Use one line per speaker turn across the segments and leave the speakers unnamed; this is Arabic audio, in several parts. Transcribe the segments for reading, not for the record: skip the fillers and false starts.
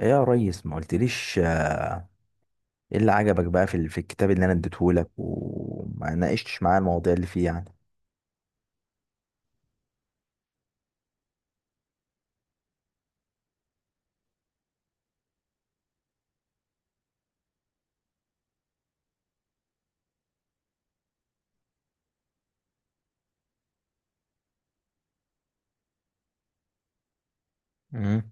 إيه يا ريس؟ ما قلتليش. ايه اللي عجبك بقى في في الكتاب اللي انا اديتهولك وما ناقشتش معاه المواضيع اللي فيه يعني. مم.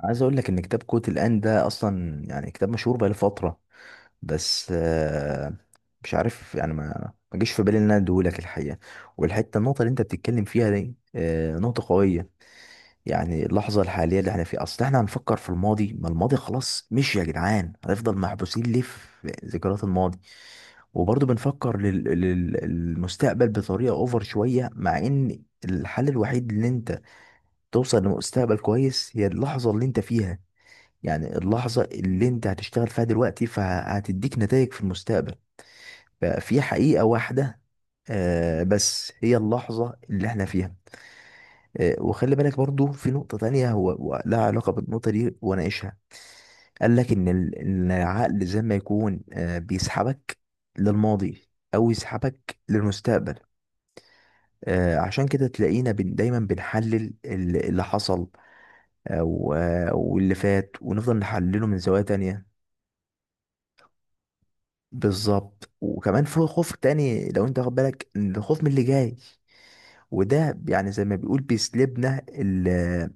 عايز اقول لك ان كتاب كوت الان ده اصلا يعني كتاب مشهور بقاله فتره. بس مش عارف يعني ما جيش في بالي ان انا اديهولك الحقيقه. والحته النقطه اللي انت بتتكلم فيها دي نقطه قويه. يعني اللحظه الحاليه اللي احنا فيها، اصل احنا هنفكر في الماضي؟ ما الماضي خلاص مشي يا جدعان، هنفضل محبوسين ليه في ذكريات الماضي. وبرضه بنفكر للمستقبل بطريقة اوفر شوية، مع ان الحل الوحيد اللي انت توصل لمستقبل كويس هي اللحظة اللي انت فيها. يعني اللحظة اللي انت هتشتغل فيها دلوقتي فهتديك نتائج في المستقبل. ففي حقيقة واحدة بس، هي اللحظة اللي احنا فيها. وخلي بالك برضو في نقطة تانية، هو لها علاقة بالنقطة دي وناقشها. قال لك إن إن العقل زي ما يكون بيسحبك للماضي أو يسحبك للمستقبل. عشان كده تلاقينا بن دايما بنحلل اللي حصل أو واللي فات، ونفضل نحلله من زوايا تانية. بالظبط. وكمان في خوف تاني، لو انت واخد بالك، إن الخوف من اللي جاي، وده يعني زي ما بيقول بيسلبنا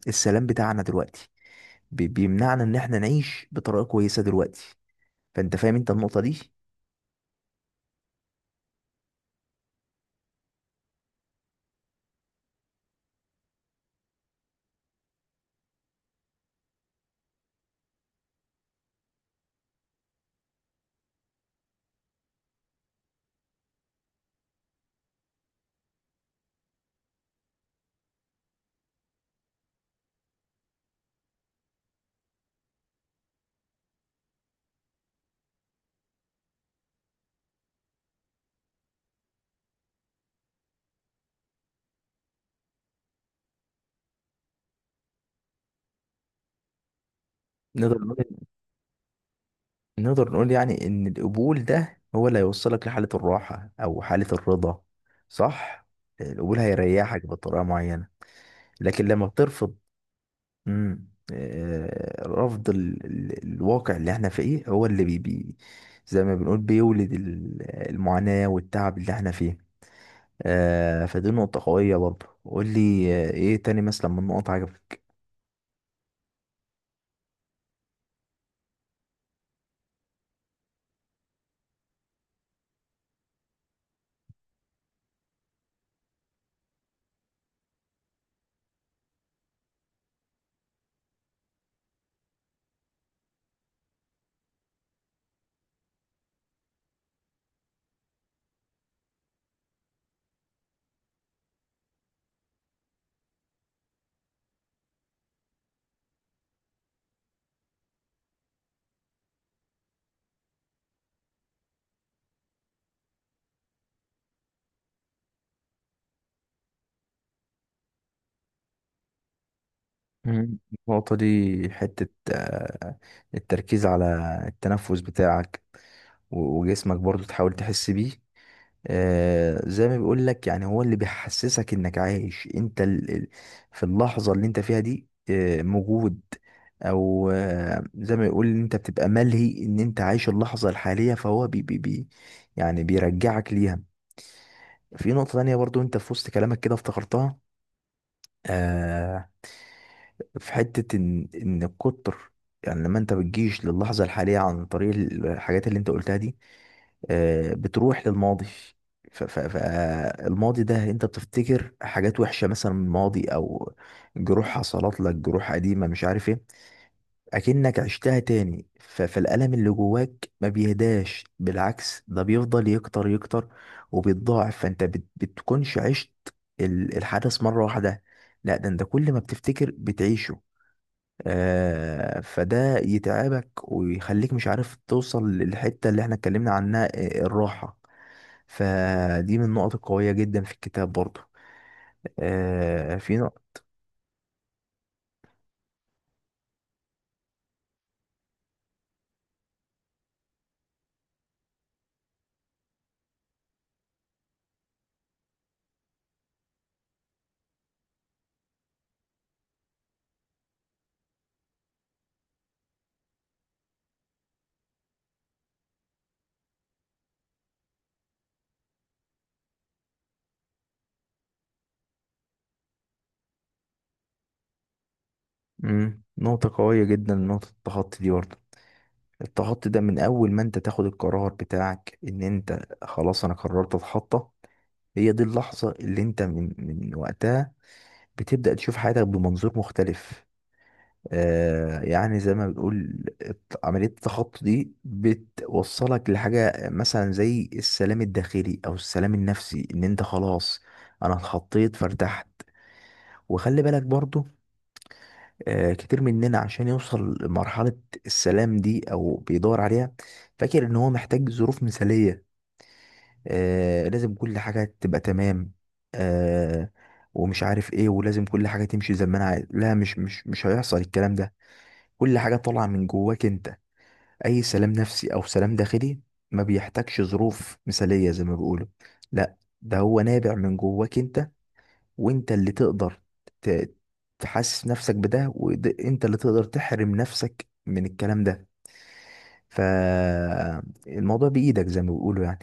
السلام بتاعنا دلوقتي، بيمنعنا ان احنا نعيش بطريقة كويسة دلوقتي. فانت فاهم انت النقطة دي. نقدر نقول نقدر نقول يعني إن القبول ده هو اللي هيوصلك لحالة الراحة أو حالة الرضا، صح؟ القبول هيريحك بطريقة معينة. لكن لما بترفض. مم. رفض الواقع اللي احنا فيه هو اللي زي ما بنقول بيولد المعاناة والتعب اللي احنا فيه. فدي نقطة قوية برضه. قول لي ايه تاني مثلا من نقط عجبك. مم. النقطة دي، حتة آه، التركيز على التنفس بتاعك وجسمك برضو تحاول تحس بيه. زي ما بيقول لك، يعني هو اللي بيحسسك انك عايش انت في اللحظة اللي انت فيها دي موجود. او زي ما يقول ان انت بتبقى ملهي ان انت عايش اللحظة الحالية، فهو بي بي بي يعني بيرجعك ليها. في نقطة تانية برضو، انت في وسط كلامك كده افتكرتها. آه في حتة ان الكتر. يعني لما انت بتجيش للحظة الحالية عن طريق الحاجات اللي انت قلتها دي، بتروح للماضي. فالماضي ده انت بتفتكر حاجات وحشة مثلا من الماضي، او جروح حصلت لك، جروح قديمة مش عارف ايه، اكنك عشتها تاني. فالألم اللي جواك ما بيهداش، بالعكس، ده بيفضل يكتر يكتر وبيتضاعف. فانت بتكونش عشت الحدث مرة واحدة، لا، ده انت كل ما بتفتكر بتعيشه. فده يتعبك ويخليك مش عارف توصل للحتة اللي احنا اتكلمنا عنها، الراحة. فدي من النقط القوية جدا في الكتاب برضو. آه في نق- مم. نقطة قوية جدا، نقطة التخطي دي برضو. التخطي ده من أول ما أنت تاخد القرار بتاعك إن أنت خلاص أنا قررت أتخطى، هي دي اللحظة اللي أنت من وقتها بتبدأ تشوف حياتك بمنظور مختلف. يعني زي ما بنقول عملية التخطي دي بتوصلك لحاجة مثلا زي السلام الداخلي أو السلام النفسي، إن أنت خلاص أنا اتخطيت فارتحت. وخلي بالك برضو، كتير مننا عشان يوصل لمرحلة السلام دي أو بيدور عليها فاكر إن هو محتاج ظروف مثالية، لازم كل حاجة تبقى تمام، آه، ومش عارف إيه، ولازم كل حاجة تمشي زي ما أنا عايز. لا، مش هيحصل الكلام ده. كل حاجة طالعة من جواك أنت. أي سلام نفسي أو سلام داخلي ما بيحتاجش ظروف مثالية زي ما بيقولوا، لا، ده هو نابع من جواك أنت، وانت اللي تقدر ت- تحسس نفسك بده، وانت اللي تقدر تحرم نفسك من الكلام ده. فالموضوع بإيدك زي ما بيقولوا يعني.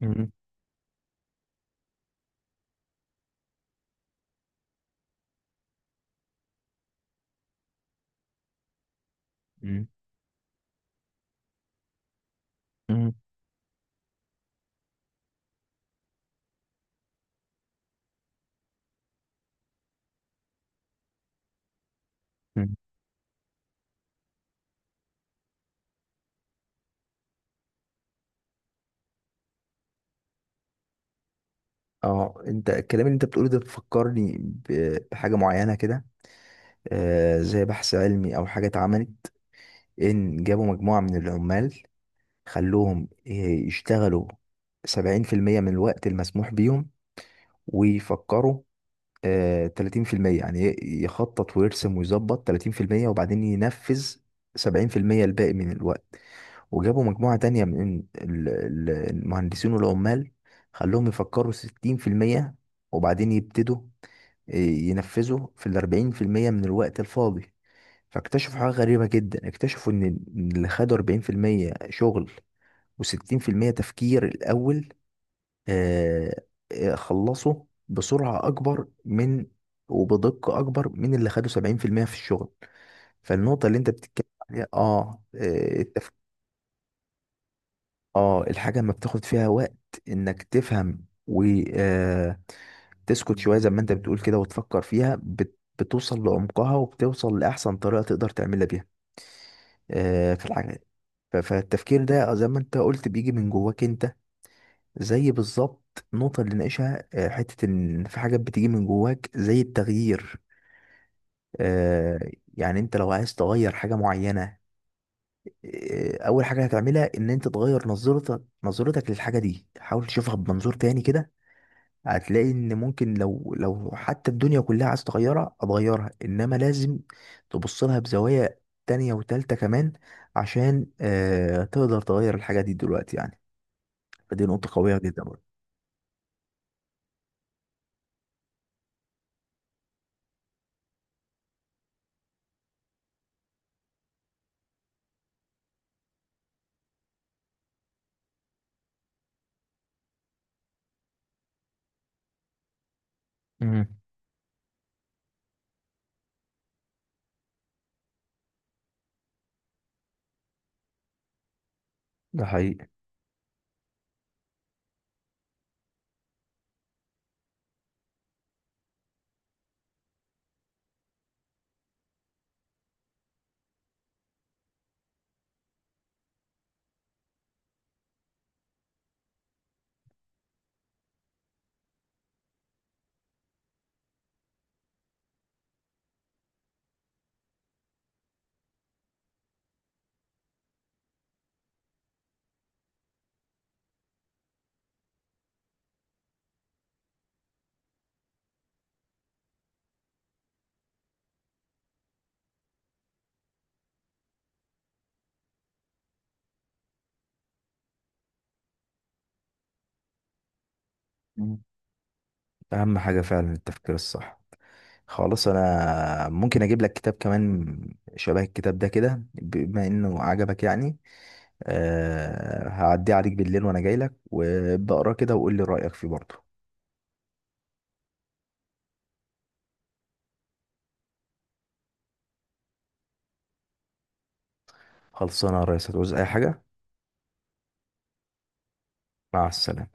مم. مم. مم. مم. اه، انت الكلام اللي انت بتقوله ده بتفكرني بحاجة معينة كده. زي بحث علمي او حاجة اتعملت، ان جابوا مجموعة من العمال خلوهم يشتغلوا 70% من الوقت المسموح بيهم ويفكروا 30%، يعني يخطط ويرسم ويظبط 30% وبعدين ينفذ 70% الباقي من الوقت. وجابوا مجموعة تانية من المهندسين والعمال، خلوهم يفكروا 60% وبعدين يبتدوا ينفذوا في 40% من الوقت الفاضي. فاكتشفوا حاجة غريبة جدا، اكتشفوا إن اللي خدوا 40% شغل و60% تفكير الأول، آه، خلصوا بسرعة أكبر من وبدقة أكبر من اللي خدوا 70% في الشغل. فالنقطة اللي أنت بتتكلم عليها الحاجة ما بتاخد فيها وقت إنك تفهم و آه، تسكت شوية زي ما أنت بتقول كده وتفكر فيها بتوصل لعمقها وبتوصل لأحسن طريقة تقدر تعملها بيها في الحاجة. فالتفكير ده زي ما أنت قلت بيجي من جواك أنت، زي بالظبط النقطة اللي ناقشها، حتة إن في حاجات بتيجي من جواك زي التغيير. آه، يعني أنت لو عايز تغير حاجة معينة، أول حاجة هتعملها إن أنت تغير نظرتك للحاجة دي، حاول تشوفها بمنظور تاني كده. هتلاقي إن ممكن لو حتى الدنيا كلها عايز تغيرها هتغيرها، إنما لازم تبص لها بزوايا تانية وتالتة كمان، عشان تقدر تغير الحاجة دي دلوقتي يعني. فدي نقطة قوية جدا برضه. مم. ده حقيقي. اهم حاجة فعلا التفكير الصح. خلاص، انا ممكن اجيب لك كتاب كمان شبه الكتاب ده كده بما انه عجبك يعني. أه، هعديه عليك بالليل وانا جاي لك وابدا اقراه كده وقول لي رايك فيه برضه. خلصانه يا ريس، هتعوز اي حاجه. مع السلامه.